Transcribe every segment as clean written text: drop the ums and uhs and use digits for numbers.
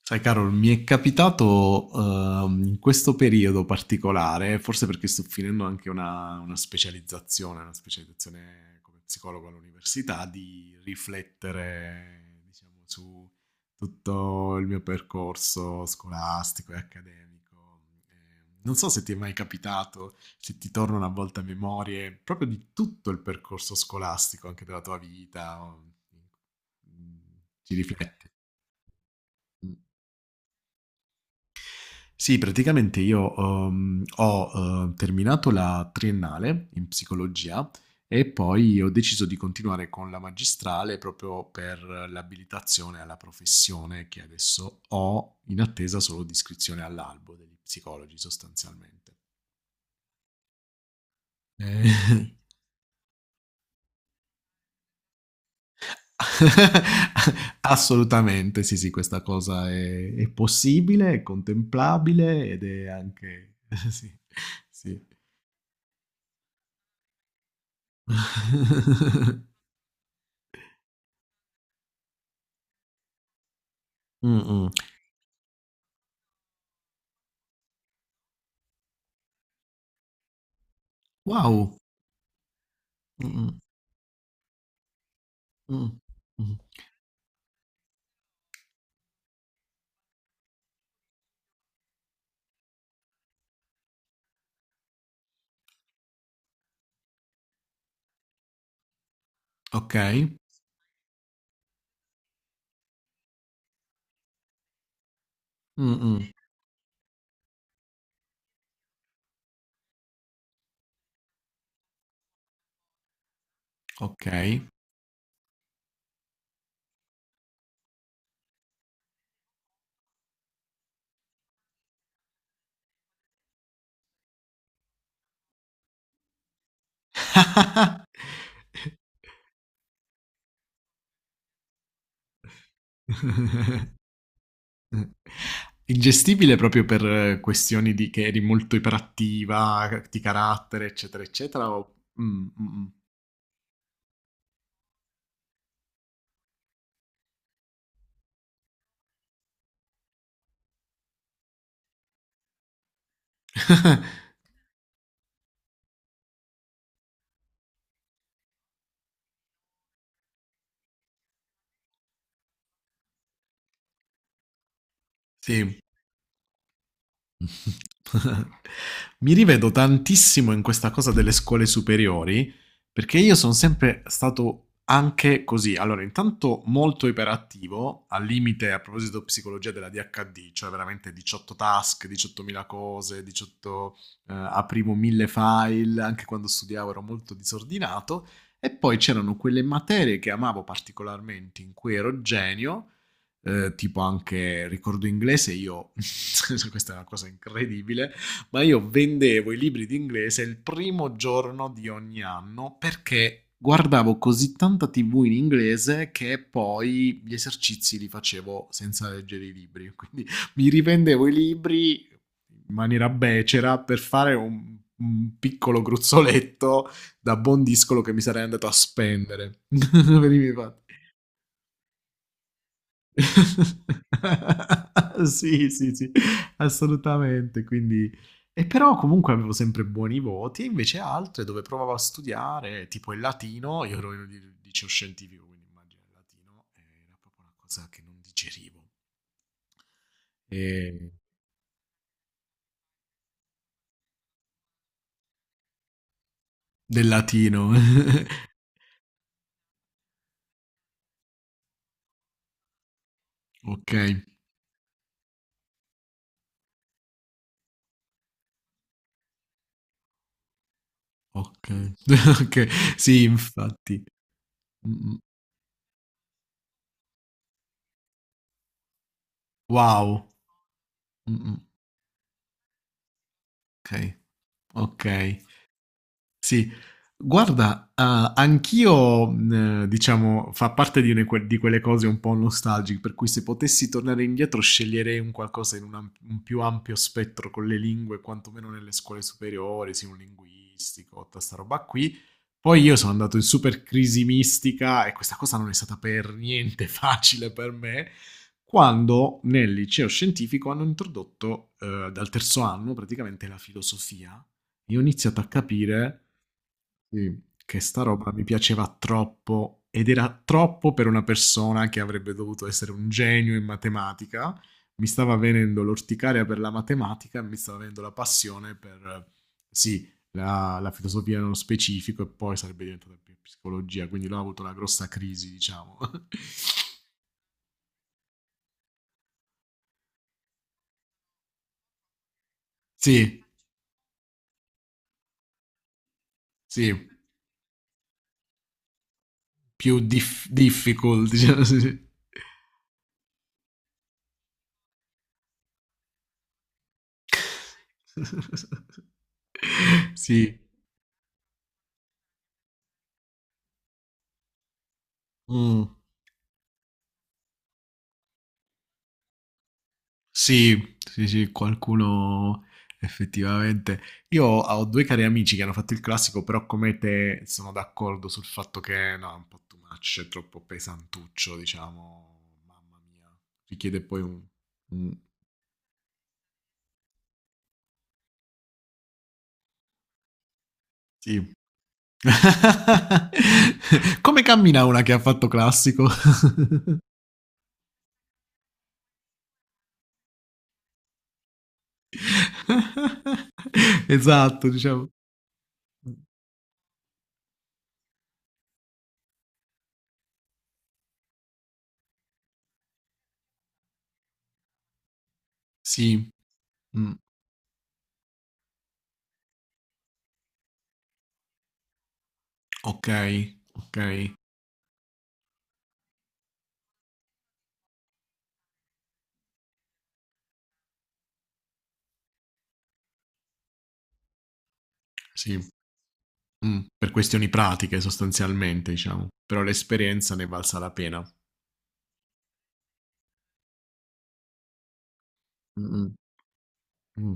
Sai, Carol, mi è capitato in questo periodo particolare, forse perché sto finendo anche una specializzazione, una specializzazione come psicologo all'università, di riflettere, diciamo, su tutto il mio percorso scolastico e accademico. Non so se ti è mai capitato, se ti torna una volta a memorie, proprio di tutto il percorso scolastico, anche della tua vita, mm, ci rifletti. Mm. Sì, praticamente io ho terminato la triennale in psicologia e poi ho deciso di continuare con la magistrale proprio per l'abilitazione alla professione che adesso ho in attesa solo di iscrizione all'albo degli psicologi sostanzialmente. Eh, Complimenti. Assolutamente, sì, sì, questa cosa è possibile, è contemplabile ed è anche sì, sì. Mm, mm. Wow. Mm, mm. Mh. Mh. Okay. Mh-mh. Okay. Ingestibile proprio per questioni di che eri molto iperattiva, di carattere, eccetera, eccetera, o mh-mh. Sì. Mi rivedo tantissimo in questa cosa delle scuole superiori, perché io sono sempre stato anche così. Allora, intanto molto iperattivo, al limite a proposito psicologia della DHD, cioè veramente 18 task, 18.000 cose, 18, aprivo mille file, anche quando studiavo ero molto disordinato. E poi c'erano quelle materie che amavo particolarmente, in cui ero genio, tipo anche ricordo inglese, io. Questa è una cosa incredibile, ma io vendevo i libri di inglese il primo giorno di ogni anno perché guardavo così tanta tv in inglese che poi gli esercizi li facevo senza leggere i libri, quindi mi rivendevo i libri in maniera becera per fare un piccolo gruzzoletto da buon discolo che mi sarei andato a spendere per i miei fatti. Sì, sì, sì, assolutamente. Quindi, e però comunque avevo sempre buoni voti, e invece altre dove provavo a studiare, tipo il latino, io ero in un liceo scientifico, quindi immagino il latino, era proprio una cosa che non digerivo. E- Del latino. Ok, ok. Ok, sì, infatti. Mm, mm. Wow. Mm, mm. Ok, ok. Sì. Guarda, ah, anch'io, diciamo, fa parte di une que di quelle cose un po' nostalgiche, per cui se potessi tornare indietro sceglierei un qualcosa in un più ampio spettro con le lingue, quantomeno nelle scuole superiori, sì, un linguistico, tutta 'sta roba qui. Poi io sono andato in super crisi mistica e questa cosa non è stata per niente facile per me quando nel liceo scientifico hanno introdotto, dal terzo anno praticamente, la filosofia. Io ho iniziato a capire, sì, che sta roba mi piaceva troppo ed era troppo per una persona che avrebbe dovuto essere un genio in matematica. Mi stava venendo l'orticaria per la matematica e mi stava venendo la passione per, sì, la filosofia nello specifico, e poi sarebbe diventata più psicologia, quindi l'ho avuto la grossa crisi, diciamo. Sì, sì, più difficult, diciamo. Sì, sì. Sì. Mm. Sì, sì, sì, qualcuno effettivamente. Io ho due cari amici che hanno fatto il classico, però come te sono d'accordo sul fatto che no, è un po' too much, è troppo pesantuccio, diciamo, mamma mia, richiede poi un Mm. Sì. Come cammina una che ha fatto classico? Esatto, diciamo. Sì. Mh, okay, okay, sì. Per questioni pratiche sostanzialmente, diciamo, però l'esperienza ne è valsa la pena. Mh-mh, mh.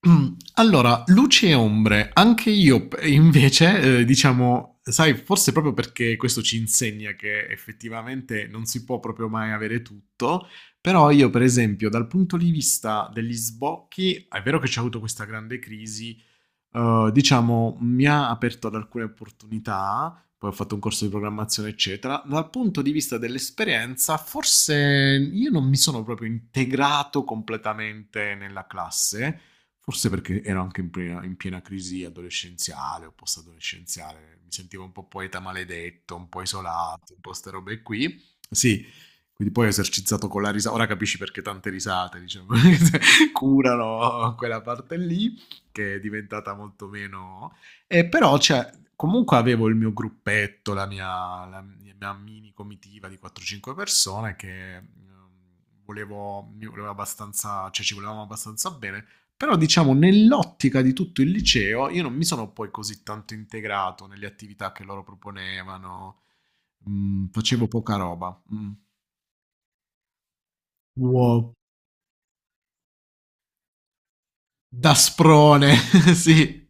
Mm, allora, luci e ombre, anche io invece, diciamo, sai, forse proprio perché questo ci insegna che effettivamente non si può proprio mai avere tutto, però io per esempio dal punto di vista degli sbocchi, è vero che c'è avuto questa grande crisi, diciamo, mi ha aperto ad alcune opportunità, poi ho fatto un corso di programmazione, eccetera. Dal punto di vista dell'esperienza, forse io non mi sono proprio integrato completamente nella classe, forse perché ero anche in piena crisi adolescenziale o post-adolescenziale, mi sentivo un po' poeta maledetto, un po' isolato, un po' ste robe qui. Sì, quindi poi ho esercitato con la risata, ora capisci perché tante risate, diciamo, curano quella parte lì che è diventata molto meno. E però cioè, comunque avevo il mio gruppetto, la mia mini comitiva di 4-5 persone che, mi volevo abbastanza, cioè ci volevamo abbastanza bene, però diciamo nell'ottica di tutto il liceo io non mi sono poi così tanto integrato nelle attività che loro proponevano. Mm, facevo poca roba. Mm. Wow. Da sprone, sì,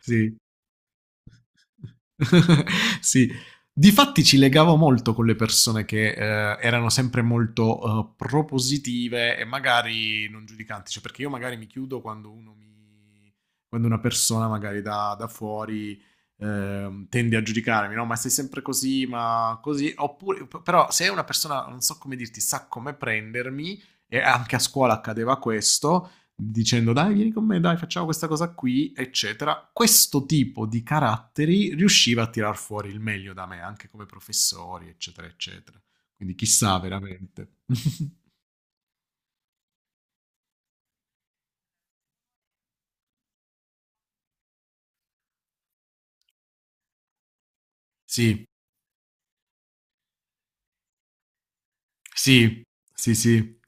sì. Sì. Difatti ci legavo molto con le persone che, erano sempre molto, propositive e magari non giudicanti, cioè perché io magari mi chiudo quando uno mi quando una persona magari da fuori, tende a giudicarmi, no: "Ma sei sempre così, ma così", oppure p però se è una persona, non so come dirti, sa come prendermi, e anche a scuola accadeva questo, dicendo: dai vieni con me, dai facciamo questa cosa qui, eccetera. Questo tipo di caratteri riusciva a tirar fuori il meglio da me, anche come professori, eccetera, eccetera. Quindi chissà veramente. Sì, sì, sì, sì.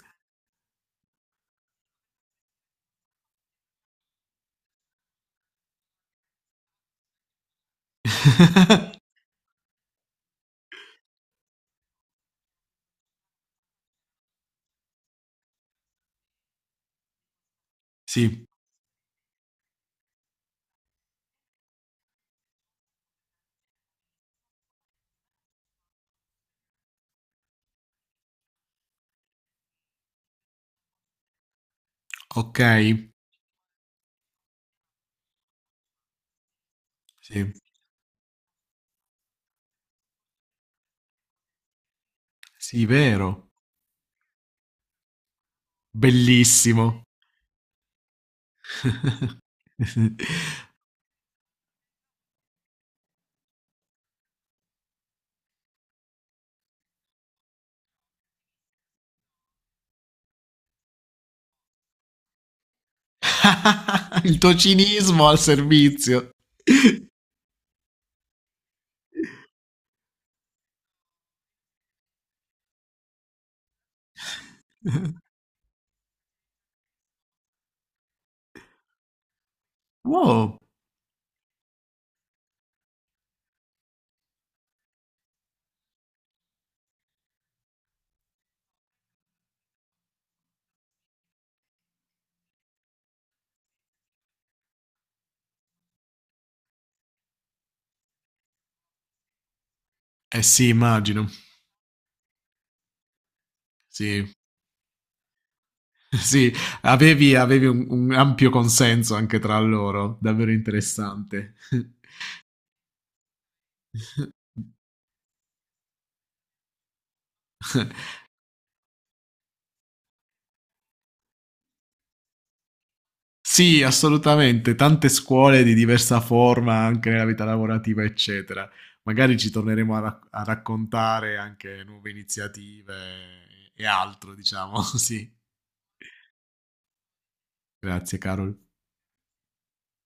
Sì, ok, sì, sì, vero, bellissimo. Il tuo cinismo al servizio. Wow. Eh sì, immagino. Sì. Sì, avevi un ampio consenso anche tra loro, davvero interessante. Sì, assolutamente, tante scuole di diversa forma anche nella vita lavorativa, eccetera. Magari ci torneremo a raccontare anche nuove iniziative e altro, diciamo. Sì, grazie, Carol.